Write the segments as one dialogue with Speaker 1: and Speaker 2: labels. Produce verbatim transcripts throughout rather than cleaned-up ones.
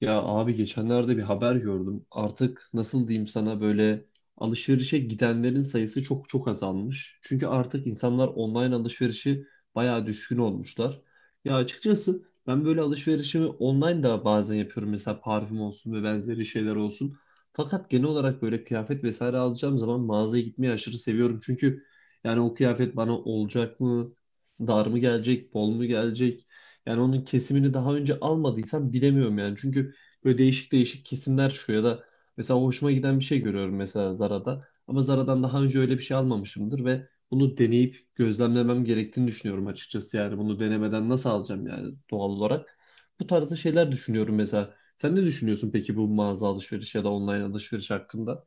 Speaker 1: Ya abi geçenlerde bir haber gördüm. Artık nasıl diyeyim sana böyle alışverişe gidenlerin sayısı çok çok azalmış. Çünkü artık insanlar online alışverişi bayağı düşkün olmuşlar. Ya açıkçası ben böyle alışverişimi online da bazen yapıyorum. Mesela parfüm olsun ve benzeri şeyler olsun. Fakat genel olarak böyle kıyafet vesaire alacağım zaman mağazaya gitmeyi aşırı seviyorum. Çünkü yani o kıyafet bana olacak mı? Dar mı gelecek? Bol mu gelecek? Yani onun kesimini daha önce almadıysam bilemiyorum yani. Çünkü Böyle değişik değişik kesimler çıkıyor ya da mesela hoşuma giden bir şey görüyorum mesela Zara'da. Ama Zara'dan daha önce öyle bir şey almamışımdır ve bunu deneyip gözlemlemem gerektiğini düşünüyorum açıkçası yani. Bunu denemeden nasıl alacağım yani doğal olarak. Bu tarzda şeyler düşünüyorum mesela. Sen ne düşünüyorsun peki bu mağaza alışveriş ya da online alışveriş hakkında?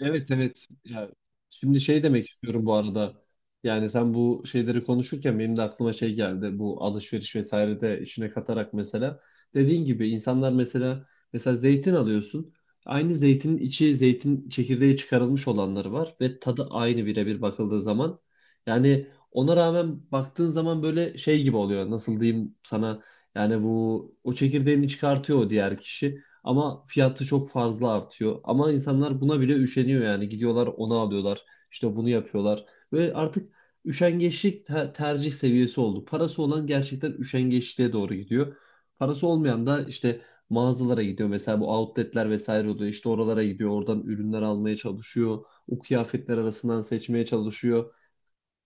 Speaker 1: Evet, evet. Ya, şimdi şey demek istiyorum bu arada. Yani sen bu şeyleri konuşurken benim de aklıma şey geldi. Bu alışveriş vesaire de işine katarak mesela. Dediğin gibi insanlar mesela mesela zeytin alıyorsun. Aynı zeytinin içi zeytin çekirdeği çıkarılmış olanları var ve tadı aynı birebir bakıldığı zaman. Yani ona rağmen baktığın zaman böyle şey gibi oluyor. Nasıl diyeyim sana? Yani bu o çekirdeğini çıkartıyor o diğer kişi. Ama fiyatı çok fazla artıyor. Ama insanlar buna bile üşeniyor yani. Gidiyorlar onu alıyorlar. İşte bunu yapıyorlar. Ve artık üşengeçlik te- tercih seviyesi oldu. Parası olan gerçekten üşengeçliğe doğru gidiyor. Parası olmayan da işte mağazalara gidiyor. Mesela bu outletler vesaire oluyor. İşte oralara gidiyor. Oradan ürünler almaya çalışıyor. O kıyafetler arasından seçmeye çalışıyor.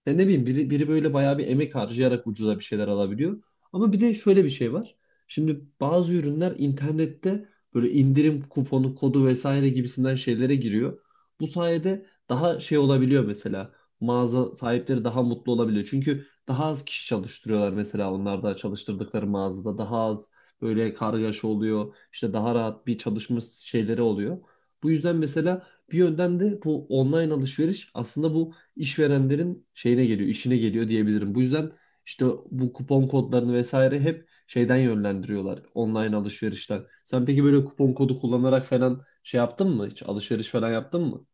Speaker 1: Ya ne bileyim biri, biri böyle bayağı bir emek harcayarak ucuza bir şeyler alabiliyor. Ama bir de şöyle bir şey var. Şimdi bazı ürünler internette böyle indirim kuponu, kodu vesaire gibisinden şeylere giriyor. Bu sayede daha şey olabiliyor mesela. Mağaza sahipleri daha mutlu olabiliyor. Çünkü daha az kişi çalıştırıyorlar mesela onlarda çalıştırdıkları mağazada. Daha az böyle kargaşa oluyor. İşte daha rahat bir çalışma şeyleri oluyor. Bu yüzden mesela bir yönden de bu online alışveriş aslında bu işverenlerin şeyine geliyor, işine geliyor diyebilirim. Bu yüzden işte bu kupon kodlarını vesaire hep şeyden yönlendiriyorlar online alışverişten. Sen peki böyle kupon kodu kullanarak falan şey yaptın mı hiç? Alışveriş falan yaptın mı?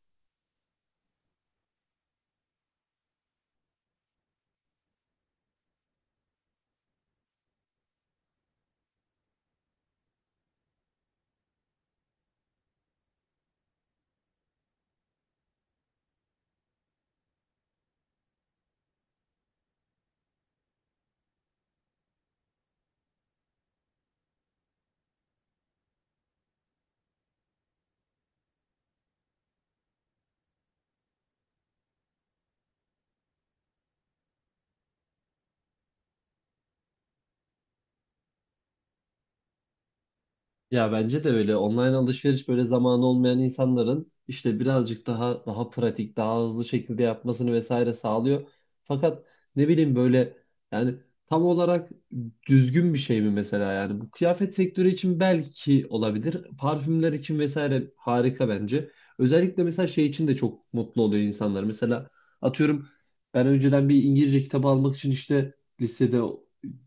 Speaker 1: Ya bence de öyle. Online alışveriş böyle zamanı olmayan insanların işte birazcık daha daha pratik, daha hızlı şekilde yapmasını vesaire sağlıyor. Fakat ne bileyim böyle yani tam olarak düzgün bir şey mi mesela yani bu kıyafet sektörü için belki olabilir. Parfümler için vesaire harika bence. Özellikle mesela şey için de çok mutlu oluyor insanlar. Mesela atıyorum ben önceden bir İngilizce kitabı almak için işte lisede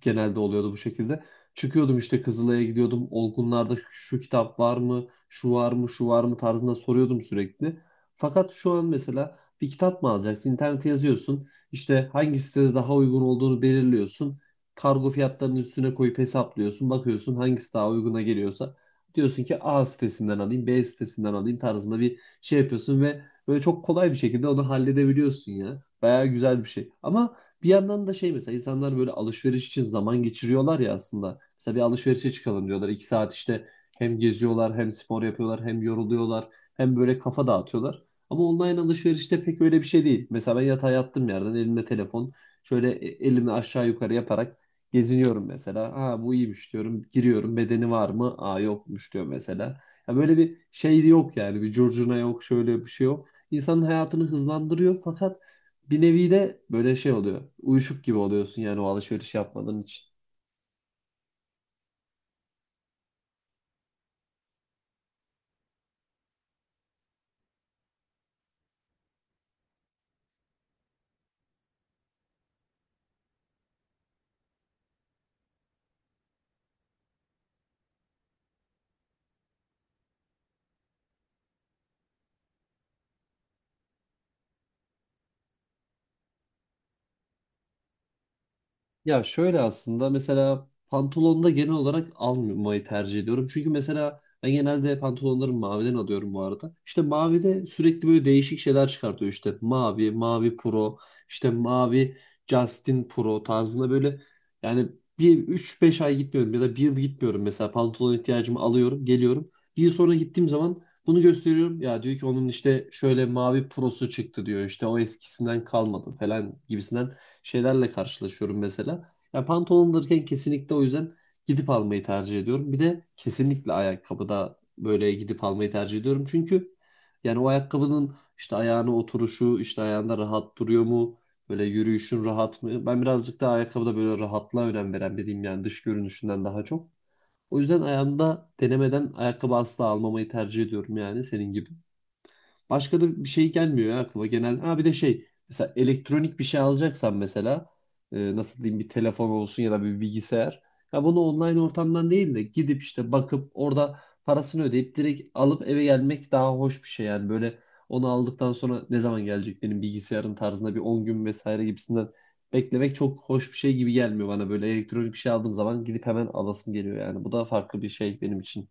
Speaker 1: genelde oluyordu bu şekilde. Çıkıyordum işte Kızılay'a gidiyordum. Olgunlarda şu kitap var mı, şu var mı, şu var mı tarzında soruyordum sürekli. Fakat şu an mesela bir kitap mı alacaksın? İnternete yazıyorsun. İşte hangi sitede daha uygun olduğunu belirliyorsun. Kargo fiyatlarının üstüne koyup hesaplıyorsun. Bakıyorsun hangisi daha uyguna geliyorsa. Diyorsun ki A sitesinden alayım, B sitesinden alayım tarzında bir şey yapıyorsun ve böyle çok kolay bir şekilde onu halledebiliyorsun ya. Bayağı güzel bir şey. Ama bir yandan da şey mesela insanlar böyle alışveriş için zaman geçiriyorlar ya aslında. Mesela bir alışverişe çıkalım diyorlar. iki saat işte hem geziyorlar hem spor yapıyorlar hem yoruluyorlar hem böyle kafa dağıtıyorlar. Ama online alışverişte pek öyle bir şey değil. Mesela ben yatağa yattım yerden elimde telefon şöyle e- elimi aşağı yukarı yaparak geziniyorum mesela. Ha bu iyiymiş diyorum. Giriyorum bedeni var mı? Aa yokmuş diyor mesela. Ya böyle bir şey yok yani bir curcuna yok şöyle bir şey yok. İnsanın hayatını hızlandırıyor fakat bir nevi de böyle şey oluyor. Uyuşuk gibi oluyorsun yani o alışveriş yapmadığın için. Ya şöyle aslında mesela pantolonda genel olarak almayı tercih ediyorum. Çünkü mesela ben genelde pantolonları maviden alıyorum bu arada. İşte mavide sürekli böyle değişik şeyler çıkartıyor. İşte mavi, mavi pro, işte mavi Justin Pro tarzında böyle yani bir üç beş ay gitmiyorum ya da bir yıl gitmiyorum mesela pantolon ihtiyacımı alıyorum, geliyorum. Bir yıl sonra gittiğim zaman bunu gösteriyorum. Ya diyor ki onun işte şöyle mavi prosu çıktı diyor. İşte o eskisinden kalmadı falan gibisinden şeylerle karşılaşıyorum mesela. Ya pantolon alırken kesinlikle o yüzden gidip almayı tercih ediyorum. Bir de kesinlikle ayakkabıda böyle gidip almayı tercih ediyorum. Çünkü yani o ayakkabının işte ayağına oturuşu, işte ayağında rahat duruyor mu? Böyle yürüyüşün rahat mı? Ben birazcık daha ayakkabıda böyle rahatlığa önem veren biriyim yani dış görünüşünden daha çok. O yüzden ayağımda denemeden ayakkabı asla almamayı tercih ediyorum yani senin gibi. Başka da bir şey gelmiyor ya aklıma genel. Ha bir de şey mesela elektronik bir şey alacaksan mesela e, nasıl diyeyim bir telefon olsun ya da bir bilgisayar. Ya bunu online ortamdan değil de gidip işte bakıp orada parasını ödeyip direkt alıp eve gelmek daha hoş bir şey yani böyle onu aldıktan sonra ne zaman gelecek benim bilgisayarın tarzında bir on gün vesaire gibisinden beklemek çok hoş bir şey gibi gelmiyor bana böyle elektronik bir şey aldığım zaman gidip hemen alasım geliyor yani bu da farklı bir şey benim için.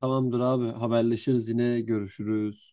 Speaker 1: Tamamdır abi, haberleşiriz, yine görüşürüz.